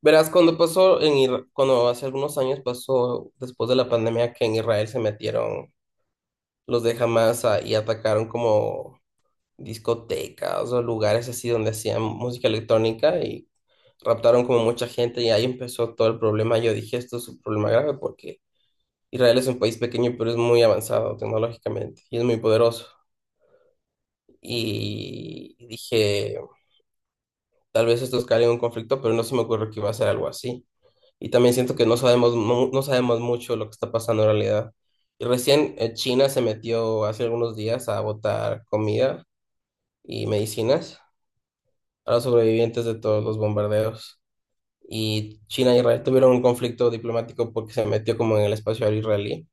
Verás, cuando pasó en cuando hace algunos años pasó después de la pandemia que en Israel se metieron los de y atacaron como discotecas o lugares así donde hacían música electrónica y raptaron como mucha gente y ahí empezó todo el problema. Yo dije, esto es un problema grave porque Israel es un país pequeño pero es muy avanzado tecnológicamente y es muy poderoso. Y dije, tal vez esto escale en un conflicto, pero no se me ocurrió que iba a ser algo así. Y también siento que no sabemos, no sabemos mucho lo que está pasando en realidad. Y recién China se metió hace algunos días a botar comida y medicinas a los sobrevivientes de todos los bombardeos. Y China y Israel tuvieron un conflicto diplomático porque se metió como en el espacio aéreo israelí.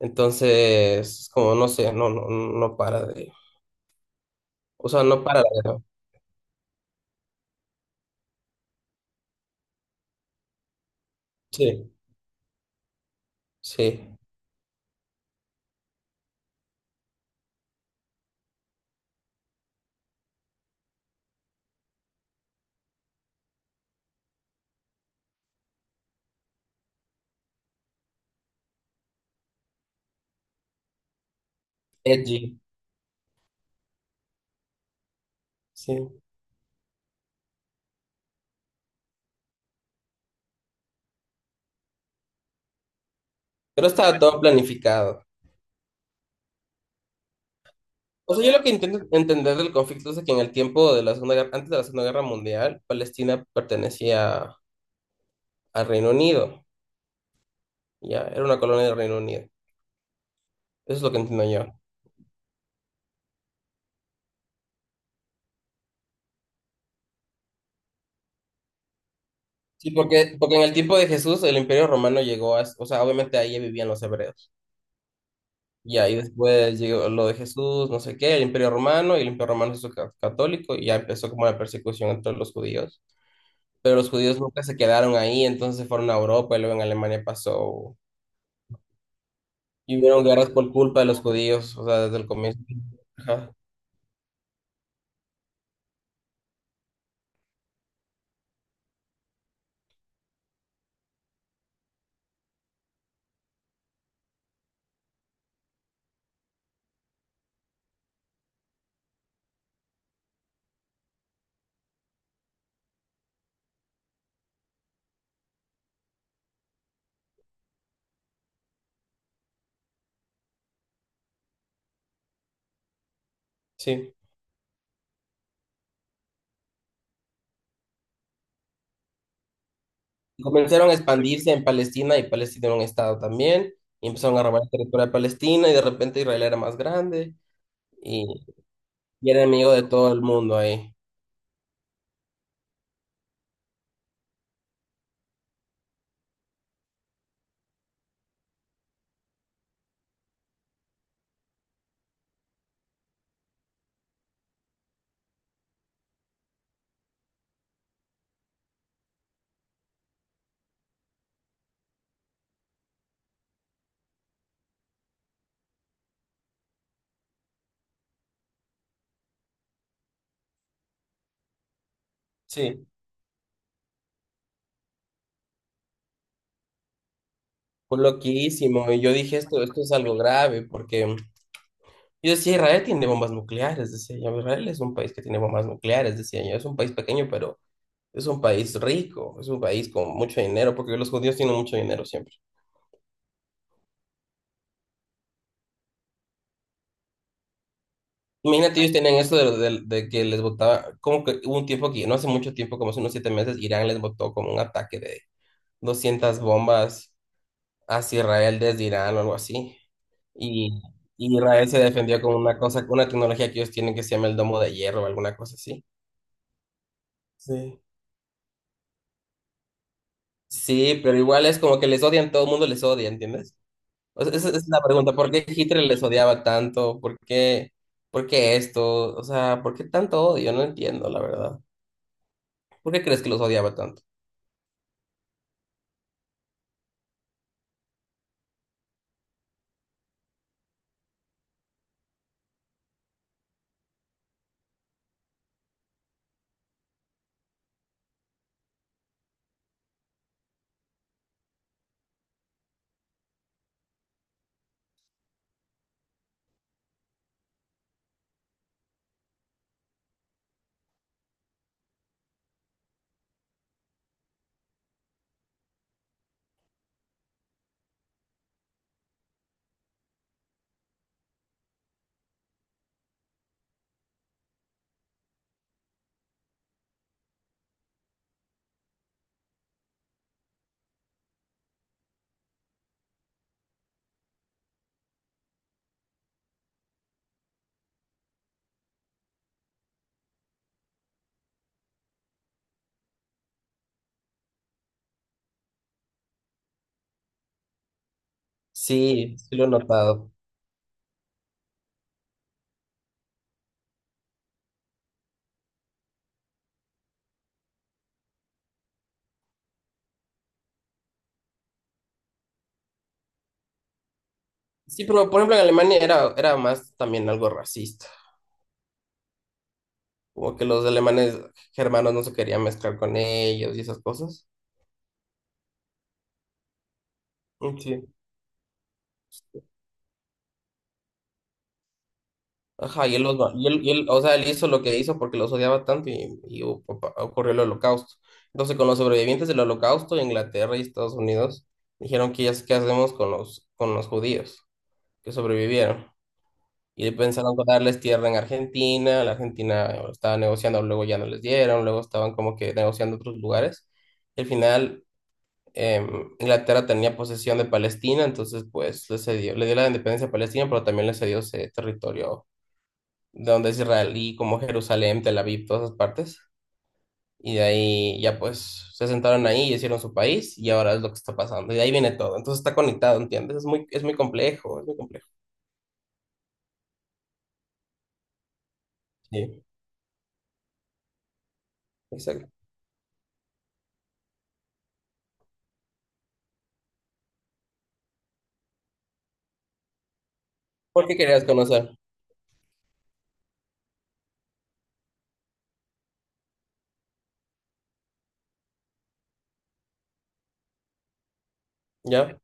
Entonces, como no sé, no para de... O sea, no para de... Sí, sí. Edgy, sí. Pero estaba todo planificado. O sea, yo lo que intento entender del conflicto es de que en el tiempo de la Segunda Guerra, antes de la Segunda Guerra Mundial, Palestina pertenecía al Reino Unido, ya, era una colonia del Reino Unido. Eso es lo que entiendo yo. Sí, porque en el tiempo de Jesús el Imperio Romano llegó a, o sea, obviamente ahí ya vivían los hebreos. Ya, y después llegó lo de Jesús, no sé qué, el Imperio Romano, y el Imperio Romano se hizo católico, y ya empezó como la persecución entre los judíos. Pero los judíos nunca se quedaron ahí, entonces se fueron a Europa, y luego en Alemania pasó. Y hubieron guerras por culpa de los judíos, o sea, desde el comienzo. Ajá, sí. Comenzaron a expandirse en Palestina y Palestina era un estado también. Y empezaron a robar el territorio de Palestina y de repente Israel era más grande y, y era enemigo de todo el mundo ahí. Sí, fue loquísimo. Y yo dije, esto es algo grave porque yo decía, Israel tiene bombas nucleares, decía yo. Israel es un país que tiene bombas nucleares, decía yo. Es un país pequeño, pero es un país rico, es un país con mucho dinero, porque los judíos tienen mucho dinero siempre. Imagínate, ellos tenían eso de, de que les botaba, como que hubo un tiempo aquí, no hace mucho tiempo, como hace unos 7 meses, Irán les botó como un ataque de 200 bombas hacia Israel desde Irán o algo así. Y, y Israel se defendió con una cosa, con una tecnología que ellos tienen que se llama el domo de hierro o alguna cosa así. Sí. Sí, pero igual es como que les odian, todo el mundo les odia, ¿entiendes? O sea, esa es la pregunta, ¿por qué Hitler les odiaba tanto? Por qué esto? O sea, ¿por qué tanto odio? No entiendo, la verdad. ¿Por qué crees que los odiaba tanto? Sí, sí lo he notado. Sí, pero por ejemplo en Alemania era más también algo racista, como que los alemanes germanos no se querían mezclar con ellos y esas cosas. Mm, sí. Ajá, y él, los va- y él- o sea, él hizo lo que hizo porque los odiaba tanto y, ocurrió el holocausto. Entonces, con los sobrevivientes del holocausto, Inglaterra y Estados Unidos dijeron que ya, ¿qué hacemos con los judíos que sobrevivieron? Y pensaron darles tierra en Argentina, la Argentina estaba negociando, luego ya no les dieron, luego estaban como que negociando otros lugares. Y al final Inglaterra tenía posesión de Palestina, entonces pues le cedió, le dio la independencia a Palestina, pero también le cedió ese territorio de donde es Israel y como Jerusalén, Tel Aviv, todas esas partes. Y de ahí ya pues se sentaron ahí y hicieron su país y ahora es lo que está pasando. Y de ahí viene todo. Entonces está conectado, ¿entiendes? Es muy complejo, es muy complejo. Sí, exacto. ¿Por qué querías conocer? ¿Ya?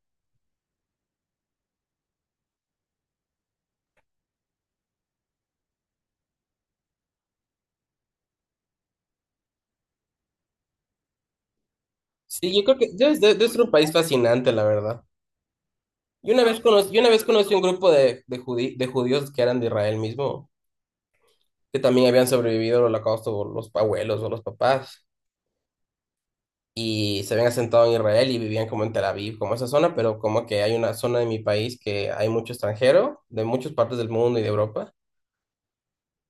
Sí, yo creo que debe, debe ser un país fascinante, la verdad. Yo una vez conocí un grupo de, de judíos que eran de Israel mismo, que también habían sobrevivido al holocausto por los abuelos o los papás, y se habían asentado en Israel y vivían como en Tel Aviv, como esa zona, pero como que hay una zona de mi país que hay mucho extranjero, de muchas partes del mundo y de Europa.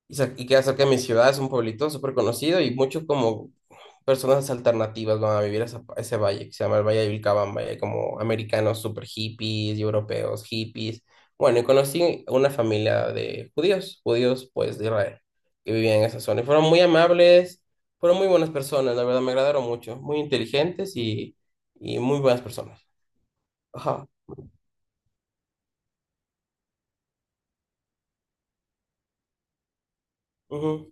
Y, y queda cerca de mi ciudad, es un pueblito súper conocido y muchos como personas alternativas van a vivir a, a ese valle que se llama el Valle de Vilcabamba. Y hay como americanos súper hippies y europeos hippies. Bueno, y conocí una familia de judíos, judíos pues de Israel, que vivían en esa zona. Y fueron muy amables, fueron muy buenas personas, la verdad me agradaron mucho, muy inteligentes y muy buenas personas. Ajá. Ujú.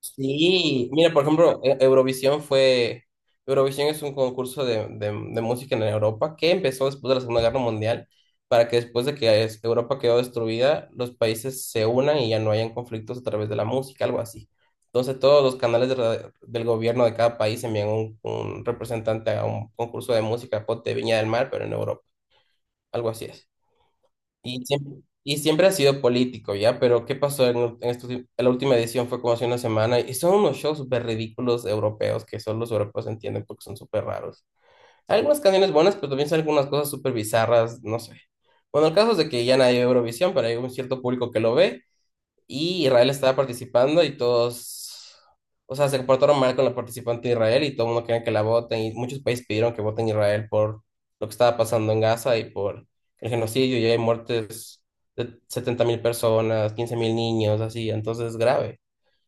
Sí, mira, por ejemplo, Eurovisión fue, Eurovisión es un concurso de, de música en Europa que empezó después de la Segunda Guerra Mundial para que después de que Europa quedó destruida, los países se unan y ya no hayan conflictos a través de la música, algo así. Entonces todos los canales de del gobierno de cada país envían un representante a un concurso de música, ponte Viña del Mar, pero en Europa, algo así es. Y siempre, y siempre ha sido político, ¿ya? Pero ¿qué pasó en estos en la última edición? Fue como hace una semana y son unos shows súper ridículos europeos que solo los europeos entienden porque son súper raros. Hay algunas canciones buenas, pero también salen algunas cosas súper bizarras, no sé. Bueno, el caso es de que ya nadie ve Eurovisión, pero hay un cierto público que lo ve y Israel estaba participando y todos, o sea, se comportaron mal con la participante de Israel y todo el mundo quería que la voten y muchos países pidieron que voten Israel por lo que estaba pasando en Gaza y por el genocidio y hay muertes de 70.000 personas, 15.000 niños, así, entonces es grave.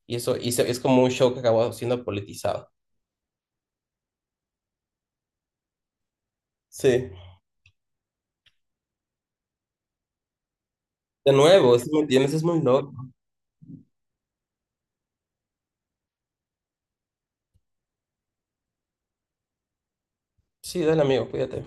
Y eso y es como un show que acabó siendo politizado. Sí. De nuevo, ¿si me entiendes? Es muy loco. Sí, dale amigo, cuídate.